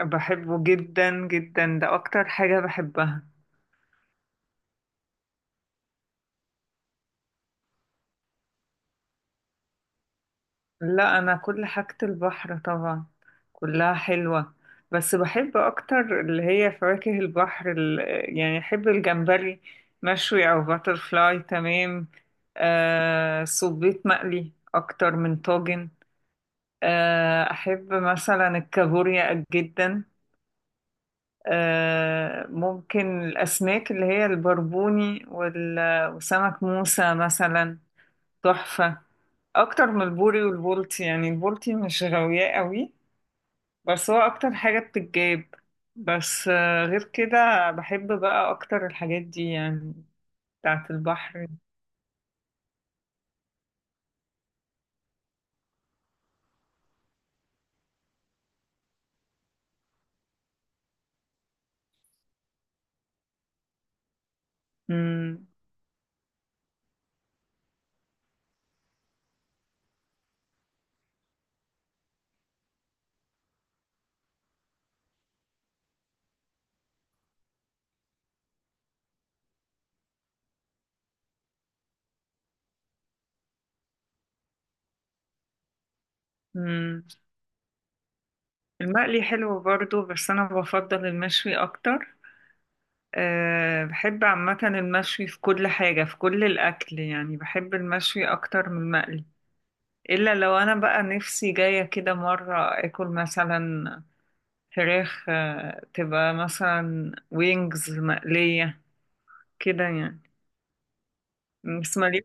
بحبه جدا جدا، ده أكتر حاجة بحبها. لا، أنا كل حاجة البحر طبعا، كلها حلوة. بس بحب أكتر اللي هي فواكه البحر يعني أحب الجمبري مشوي أو باترفلاي. تمام. آه، صبيط مقلي أكتر من طاجن. آه، أحب مثلا الكابوريا جدا. آه، ممكن الأسماك اللي هي البربوني وسمك موسى مثلا. تحفة. أكتر من البوري والبولتي. يعني البولتي مش غاوياه قوي، بس هو أكتر حاجة بتتجاب. بس غير كده بحب بقى أكتر الحاجات دي، يعني بتاعة البحر. مم. مم. المقلي حلو برضو، بس أنا بفضل المشوي أكتر. أه، بحب عامة المشوي في كل حاجة، في كل الأكل. يعني بحب المشوي أكتر من المقلي، إلا لو أنا بقى نفسي جاية كده مرة أكل مثلا فراخ تبقى مثلا وينجز مقلية كده يعني. بس مالي.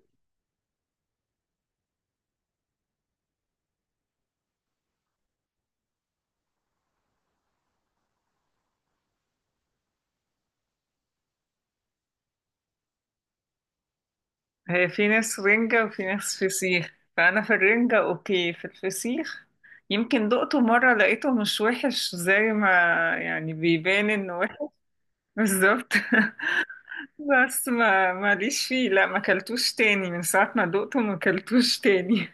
هي في ناس رنجة وفي ناس فسيخ، فأنا في الرنجة أوكي، في الفسيخ يمكن دقته مرة لقيته مش وحش زي ما يعني بيبان إنه وحش. بالظبط. بس ما ماليش فيه، لا ما كلتوش تاني من ساعة ما دقته، ما كلتوش تاني.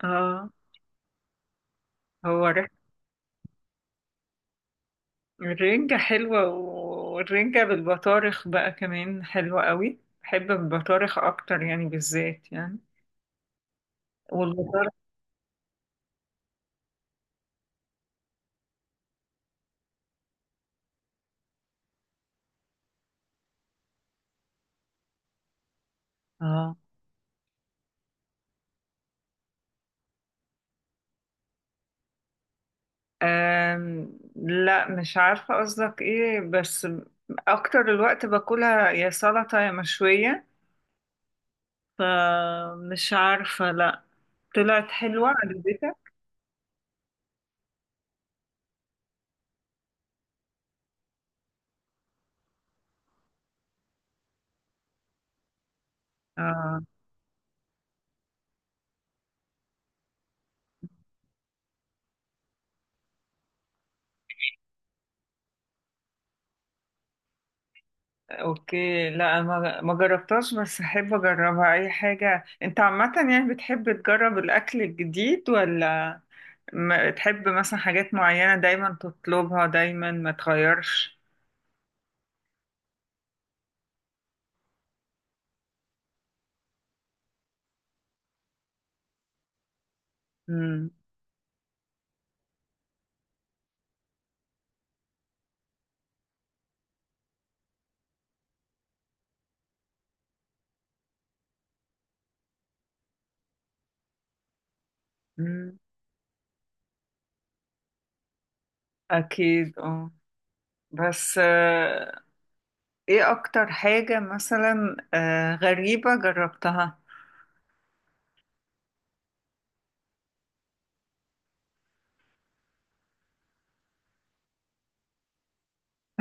اه. هو الرنجة حلوة، والرنجة بالبطارخ بقى كمان حلوة قوي. بحب البطارخ أكتر يعني، بالذات يعني والبطارخ. اه. لا، مش عارفة قصدك ايه، بس أكتر الوقت باكلها يا سلطة يا مشوية، فمش عارفة. لا، طلعت حلوة عجبتك؟ اه، اوكي. لا، ما جربتهاش، بس احب اجربها. اي حاجة. انت عامة يعني بتحب تجرب الاكل الجديد، ولا ما تحب مثلا حاجات معينة دايما تطلبها دايما ما تغيرش؟ مم. مم. أكيد، اه. بس ايه أكتر حاجة مثلا غريبة جربتها؟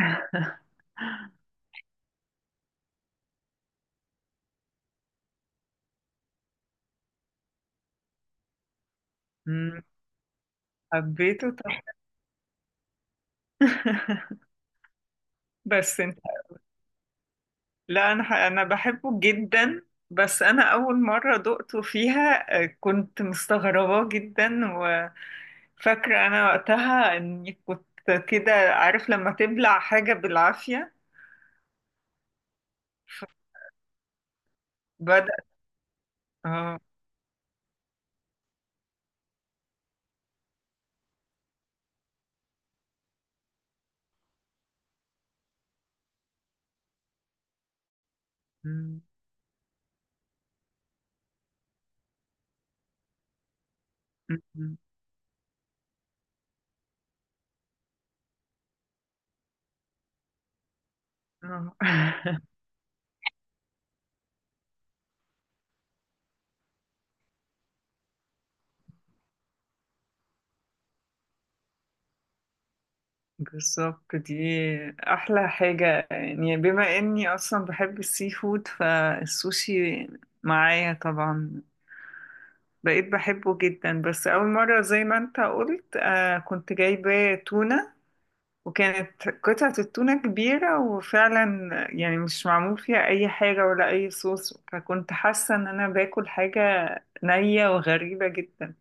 مم. حبيته طبعا. بس انت، لا، أنا أنا بحبه جدا. بس أنا أول مرة دقته فيها، كنت مستغربة جدا. وفاكرة أنا وقتها إني كنت كده، عارف لما تبلع حاجة بالعافية؟ بدأ، اه. مم. مم. مم. آه. بالظبط دي أحلى حاجة. يعني بما إني أصلا بحب السي فود، فالسوشي معايا طبعا. بقيت بحبه جدا. بس أول مرة زي ما أنت قلت، آه، كنت جايبة تونة، وكانت قطعة التونة كبيرة، وفعلا يعني مش معمول فيها أي حاجة ولا أي صوص، فكنت حاسة إن أنا باكل حاجة نية وغريبة جدا.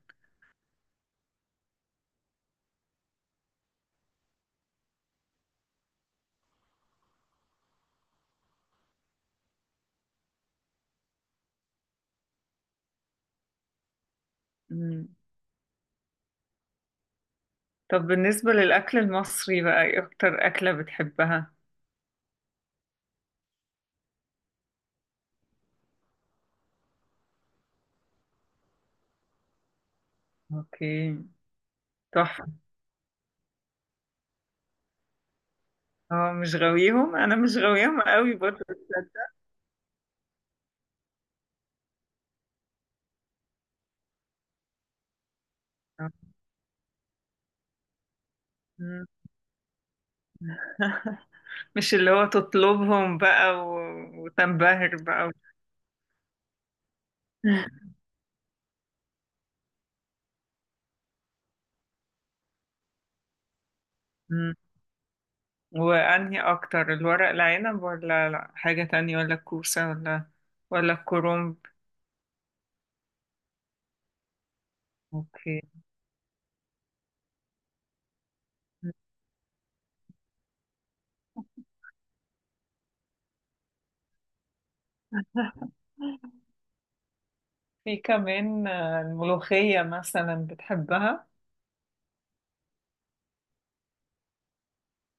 طب بالنسبة للأكل المصري بقى، إيه أكتر أكلة بتحبها؟ أوكي. تحفة. اه، مش غاويهم، أنا مش غاويهم قوي برضه، تصدق. مم. مش اللي هو تطلبهم بقى و... وتنبهر بقى و... مم. وأنهي أكتر، الورق العنب ولا لا حاجة تانية، ولا الكوسة، ولا ولا الكرنب؟ أوكي. في كمان الملوخية مثلا بتحبها؟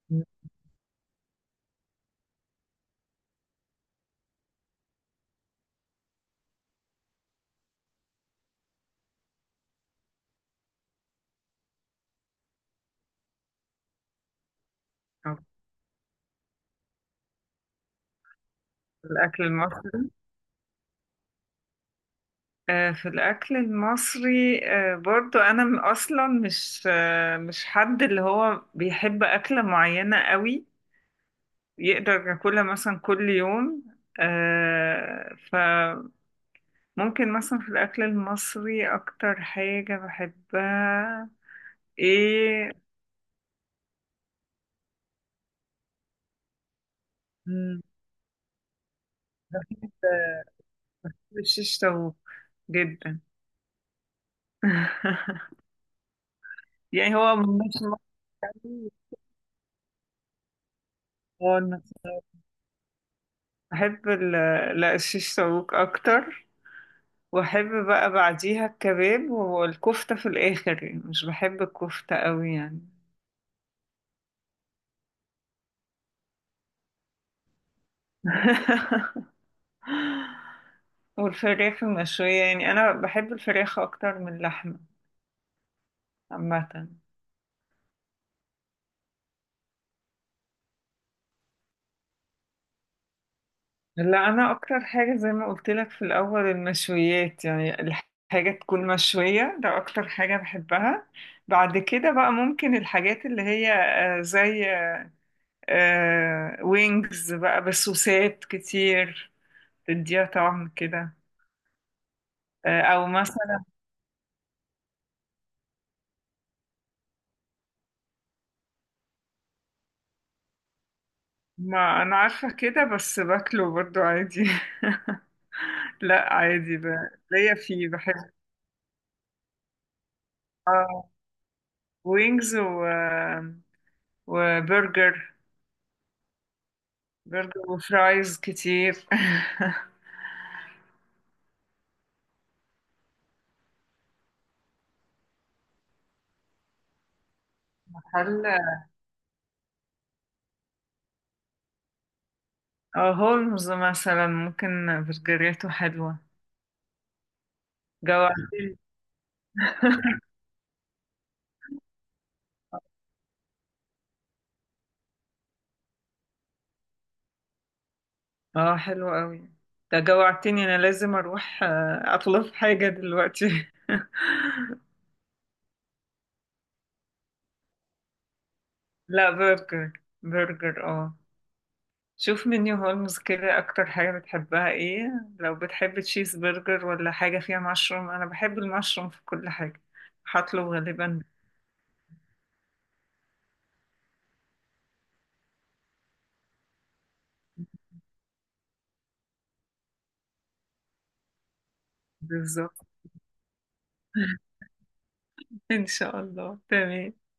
مم. أو الأكل المصري؟ في الأكل المصري، برضو أنا أصلا مش، مش حد اللي هو بيحب أكلة معينة قوي يقدر ياكلها مثلا كل يوم. فممكن مثلا في الأكل المصري أكتر حاجة بحبها إيه. مم. آه، الشيش طاووق، جدا. يعني هو مش مصري. هو بحب لا، الشيش طاووق أكتر. واحب بقى بعديها الكباب والكفتة في الاخر. يعني مش بحب الكفتة قوي يعني. والفراخ المشوية. يعني انا بحب الفراخ اكتر من اللحمة عامة. لا، انا اكتر حاجة زي ما قلت لك في الاول، المشويات. يعني الحاجة تكون مشوية، ده اكتر حاجة بحبها. بعد كده بقى ممكن الحاجات اللي هي زي وينجز بقى بسوسات كتير تديها طعم كده. او مثلا، ما انا عارفه كده، بس باكله برضو عادي. لا عادي، ب... ليا فيه، بحب. اه وينجز و... وبرجر. برجر، وفرايز كتير. هل، اه هولمز مثلا ممكن، برجريته حلوة. جوعتني. اه، حلو قوي. ده جوعتني، انا لازم اروح اطلب حاجة دلوقتي. لا برجر، برجر اه. شوف منيو هولمز كده، اكتر حاجة بتحبها ايه. لو بتحب تشيز برجر، ولا حاجة فيها مشروم، انا بحب المشروم في كل حاجة، هطلب غالبا. بالظبط. ان شاء الله. تمام.